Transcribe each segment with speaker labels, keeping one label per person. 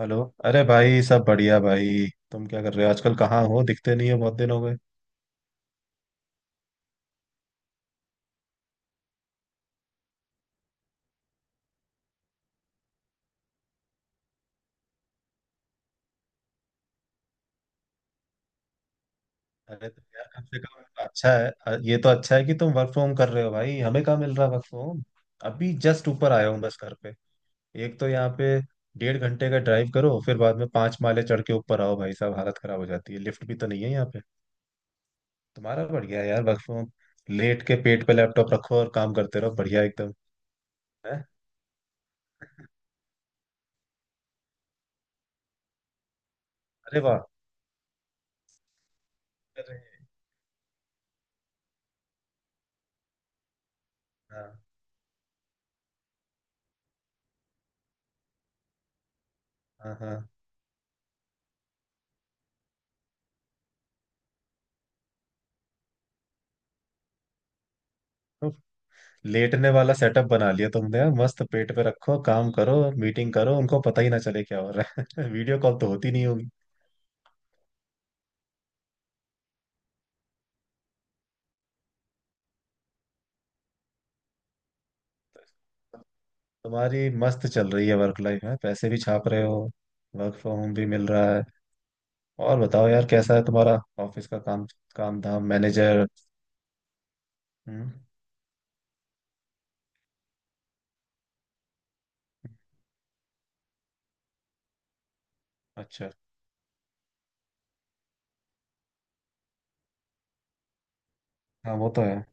Speaker 1: Hello. अरे भाई, सब बढ़िया। भाई तुम क्या कर रहे हो आजकल? कहाँ हो? दिखते नहीं हो, बहुत दिन हो गए। अरे तो यार, कम से कम अच्छा है, ये तो अच्छा है कि तुम वर्क फ्रॉम कर रहे हो। भाई, हमें कहाँ मिल रहा वर्क फ्रॉम। अभी जस्ट ऊपर आया हूँ, बस घर पे। एक तो यहाँ पे 1.5 घंटे का ड्राइव करो, फिर बाद में 5 माले चढ़ के ऊपर आओ, भाई साहब हालत खराब हो जाती है। लिफ्ट भी तो नहीं है यहाँ पे। तुम्हारा बढ़िया है यार, वर्क फ्रॉम, लेट के पेट पे लैपटॉप रखो और काम करते रहो, बढ़िया एकदम है। अरे वाह। अरे। हाँ। हाँ हाँ। तो लेटने वाला सेटअप बना लिया तुमने यार, मस्त पेट पे रखो, काम करो, मीटिंग करो, उनको पता ही ना चले क्या हो रहा है वीडियो कॉल तो होती नहीं होगी। तुम्हारी मस्त चल रही है, वर्क लाइफ है, पैसे भी छाप रहे हो, वर्क फ्रॉम होम भी मिल रहा है। और बताओ यार, कैसा है तुम्हारा ऑफिस का काम? काम धाम, मैनेजर। हम्म। अच्छा। हाँ, वो तो है।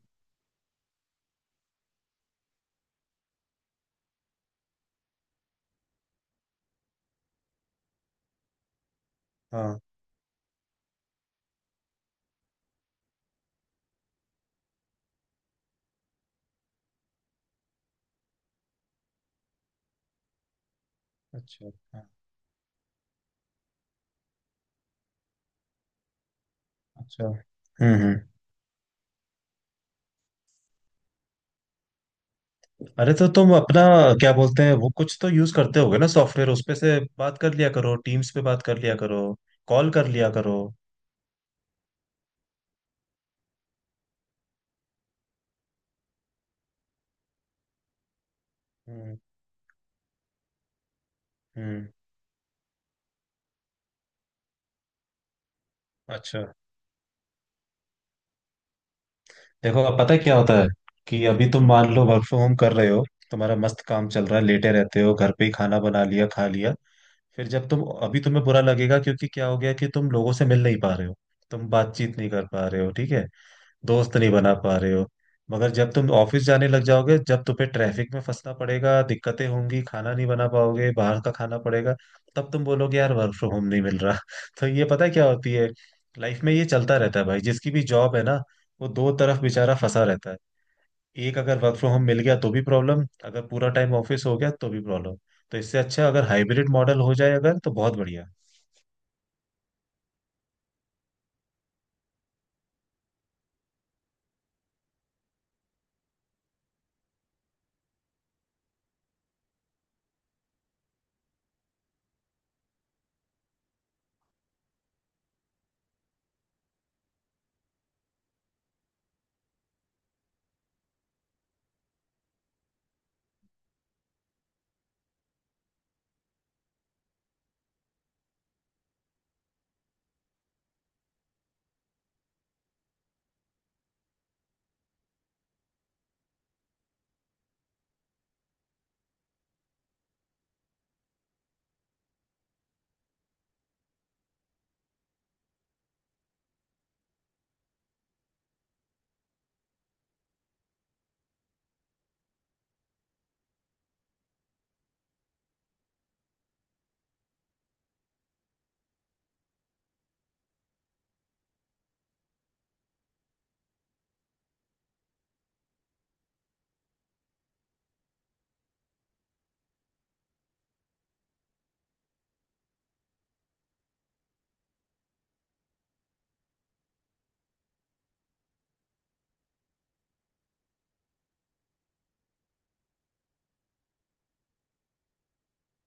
Speaker 1: हाँ। अच्छा। हाँ, अच्छा, हम्म। अरे तो तुम अपना, क्या बोलते हैं वो, कुछ तो यूज करते होगे ना सॉफ्टवेयर, उस पे से बात कर लिया करो, टीम्स पे बात कर लिया करो, कॉल कर लिया करो। हम्म हम्म। अच्छा। देखो अब पता है क्या होता है कि अभी तुम मान लो वर्क फ्रॉम होम कर रहे हो, तुम्हारा मस्त काम चल रहा है, लेटे रहते हो घर पे ही, खाना बना लिया, खा लिया, फिर जब तुम, अभी तुम्हें बुरा लगेगा क्योंकि क्या हो गया कि तुम लोगों से मिल नहीं पा रहे हो, तुम बातचीत नहीं कर पा रहे हो, ठीक है, दोस्त नहीं बना पा रहे हो। मगर जब तुम ऑफिस जाने लग जाओगे, जब तुम्हें ट्रैफिक में फंसना पड़ेगा, दिक्कतें होंगी, खाना नहीं बना पाओगे, बाहर का खाना पड़ेगा, तब तुम बोलोगे यार वर्क फ्रॉम होम नहीं मिल रहा तो ये पता है क्या होती है, लाइफ में ये चलता रहता है भाई, जिसकी भी जॉब है ना, वो दो तरफ बेचारा फंसा रहता है। एक अगर वर्क फ्रॉम होम मिल गया तो भी प्रॉब्लम, अगर पूरा टाइम ऑफिस हो गया तो भी प्रॉब्लम। तो इससे अच्छा अगर हाइब्रिड मॉडल हो जाए अगर तो बहुत बढ़िया।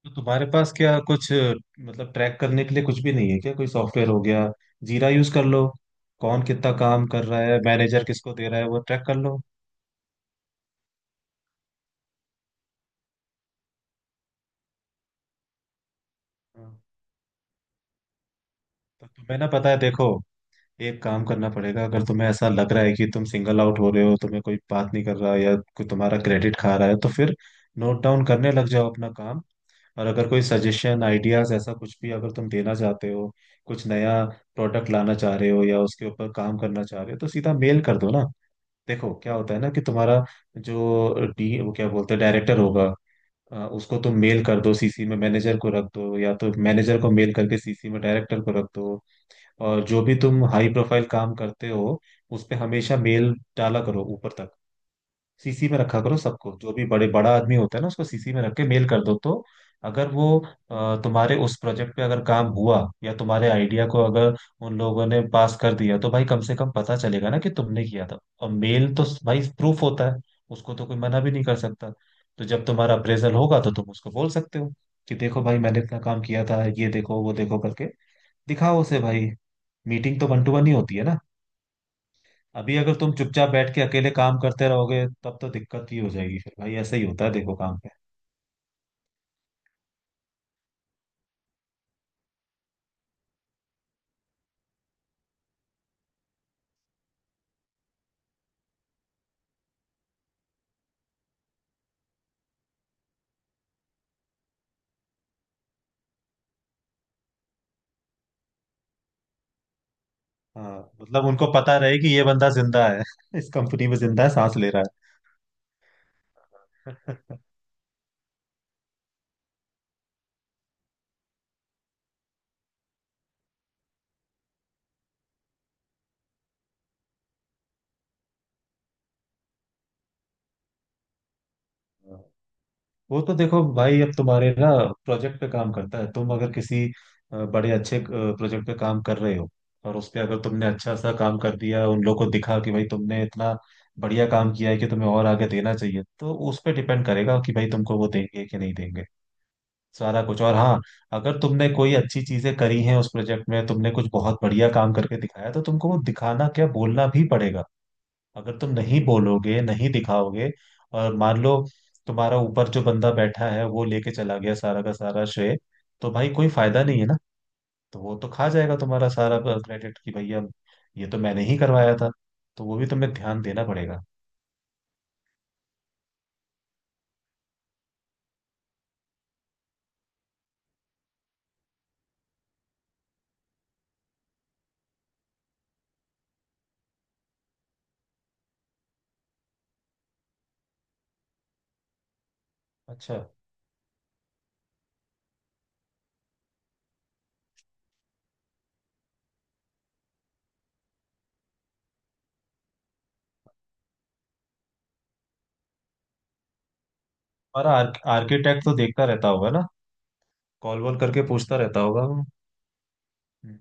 Speaker 1: तो तुम्हारे पास क्या कुछ मतलब ट्रैक करने के लिए कुछ भी नहीं है क्या? कोई सॉफ्टवेयर हो गया, जीरा यूज कर लो, कौन कितना काम कर रहा है, मैनेजर किसको दे रहा है, वो ट्रैक कर लो। हाँ। तो तुम्हें ना पता है, देखो, एक काम करना पड़ेगा। अगर तुम्हें ऐसा लग रहा है कि तुम सिंगल आउट हो रहे हो, तुम्हें कोई बात नहीं कर रहा या कोई तुम्हारा क्रेडिट खा रहा है, तो फिर नोट डाउन करने लग जाओ अपना काम। और अगर कोई सजेशन, आइडियाज, ऐसा कुछ भी अगर तुम देना चाहते हो, कुछ नया प्रोडक्ट लाना चाह रहे हो या उसके ऊपर काम करना चाह रहे हो, तो सीधा मेल कर दो ना। देखो क्या होता है ना कि तुम्हारा जो डी वो क्या बोलते हैं, डायरेक्टर होगा, उसको तुम मेल कर दो, सीसी में मैनेजर को रख दो, या तो मैनेजर को मेल करके सीसी में डायरेक्टर को रख दो। और जो भी तुम हाई प्रोफाइल काम करते हो, उस पे हमेशा मेल डाला करो ऊपर तक, सीसी में रखा करो सबको। जो भी बड़े बड़ा आदमी होता है ना, उसको सीसी में रख के मेल कर दो। तो अगर वो, तुम्हारे उस प्रोजेक्ट पे अगर काम हुआ या तुम्हारे आइडिया को अगर उन लोगों ने पास कर दिया, तो भाई कम से कम पता चलेगा ना कि तुमने किया था। और मेल तो भाई प्रूफ होता है, उसको तो कोई मना भी नहीं कर सकता। तो जब तुम्हारा अप्रेजल होगा तो तुम उसको बोल सकते हो कि देखो भाई मैंने इतना काम किया था, ये देखो वो देखो करके दिखाओ उसे भाई। मीटिंग तो वन टू वन ही होती है ना। अभी अगर तुम चुपचाप बैठ के अकेले काम करते रहोगे तब तो दिक्कत ही हो जाएगी फिर भाई। ऐसा ही होता है देखो काम पे। हाँ, मतलब उनको पता रहे कि ये बंदा जिंदा है इस कंपनी में जिंदा है, सांस ले रहा है वो तो देखो भाई अब तुम्हारे ना प्रोजेक्ट पे काम करता है। तुम अगर किसी बड़े अच्छे प्रोजेक्ट पे काम कर रहे हो और उस पे अगर तुमने अच्छा सा काम कर दिया, उन लोगों को दिखा कि भाई तुमने इतना बढ़िया काम किया है कि तुम्हें और आगे देना चाहिए, तो उस पे डिपेंड करेगा कि भाई तुमको वो देंगे कि नहीं देंगे सारा कुछ। और हाँ, अगर तुमने कोई अच्छी चीजें करी हैं उस प्रोजेक्ट में, तुमने कुछ बहुत बढ़िया काम करके दिखाया, तो तुमको वो दिखाना, क्या बोलना भी पड़ेगा। अगर तुम नहीं बोलोगे, नहीं दिखाओगे, और मान लो तुम्हारा ऊपर जो बंदा बैठा है वो लेके चला गया सारा का सारा श्रेय, तो भाई कोई फायदा नहीं है ना। तो वो तो खा जाएगा तुम्हारा सारा क्रेडिट कि भैया ये तो मैंने ही करवाया था। तो वो भी तुम्हें ध्यान देना पड़ेगा। अच्छा, हमारा आर्किटेक्ट तो देखता रहता होगा ना, कॉल वॉल करके पूछता रहता होगा वो। हम्म।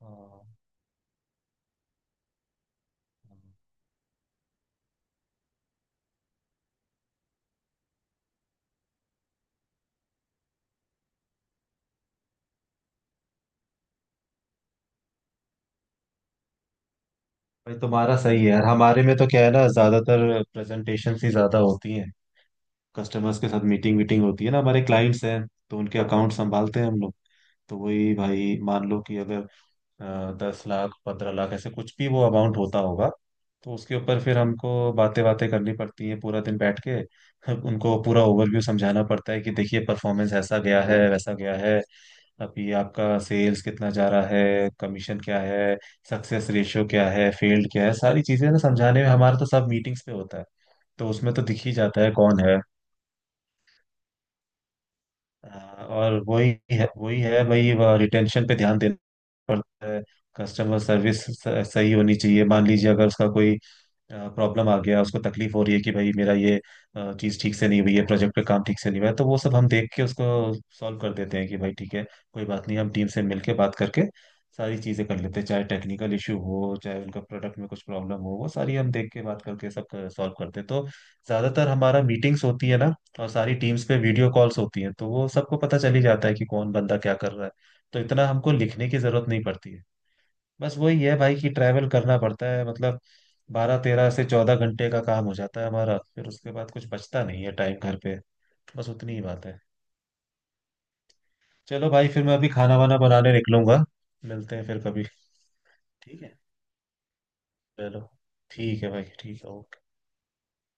Speaker 1: हाँ। भाई तुम्हारा सही है यार, हमारे में तो क्या है ना, ज्यादातर प्रेजेंटेशन ही ज्यादा होती हैं, कस्टमर्स के साथ मीटिंग वीटिंग होती है ना, हमारे क्लाइंट्स हैं, तो उनके अकाउंट संभालते हैं हम लोग। तो वही भाई मान लो कि अगर अ, 10 लाख 15 लाख ऐसे कुछ भी वो अमाउंट होता होगा, तो उसके ऊपर फिर हमको बातें बातें करनी पड़ती है पूरा दिन बैठ के उनको पूरा ओवरव्यू समझाना पड़ता है कि देखिए परफॉर्मेंस ऐसा गया है वैसा गया है, अभी आपका सेल्स कितना जा रहा है, कमीशन क्या है, सक्सेस रेशियो क्या है, फेल्ड क्या है, सारी चीजें ना समझाने में हमारा तो सब मीटिंग्स पे होता है। तो उसमें तो दिख ही जाता है कौन है। हाँ, और वही है भाई, रिटेंशन पे ध्यान देना पड़ता है। कस्टमर सर्विस सही होनी चाहिए। मान लीजिए अगर उसका कोई प्रॉब्लम आ गया, उसको तकलीफ हो रही है कि भाई मेरा ये चीज ठीक से नहीं हुई है, प्रोजेक्ट पे काम ठीक से नहीं हुआ है, तो वो सब हम देख के उसको सॉल्व कर देते हैं कि भाई ठीक है, कोई बात नहीं, हम टीम से मिलके बात करके सारी चीजें कर लेते हैं। चाहे टेक्निकल इशू हो, चाहे उनका प्रोडक्ट में कुछ प्रॉब्लम हो, वो सारी हम देख के बात करके सब सॉल्व करते हैं। तो ज्यादातर हमारा मीटिंग्स होती है ना, और सारी टीम्स पे वीडियो कॉल्स होती हैं, तो वो सबको पता चल ही जाता है कि कौन बंदा क्या कर रहा है। तो इतना हमको लिखने की जरूरत नहीं पड़ती है। बस वही है भाई कि ट्रैवल करना पड़ता है, मतलब 12 13 से 14 घंटे का काम हो जाता है हमारा, फिर उसके बाद कुछ बचता नहीं है टाइम घर पे। बस उतनी ही बात है। चलो भाई, फिर मैं अभी खाना वाना बनाने निकलूंगा। मिलते हैं फिर कभी। ठीक है, चलो, ठीक है भाई, ठीक है, ओके।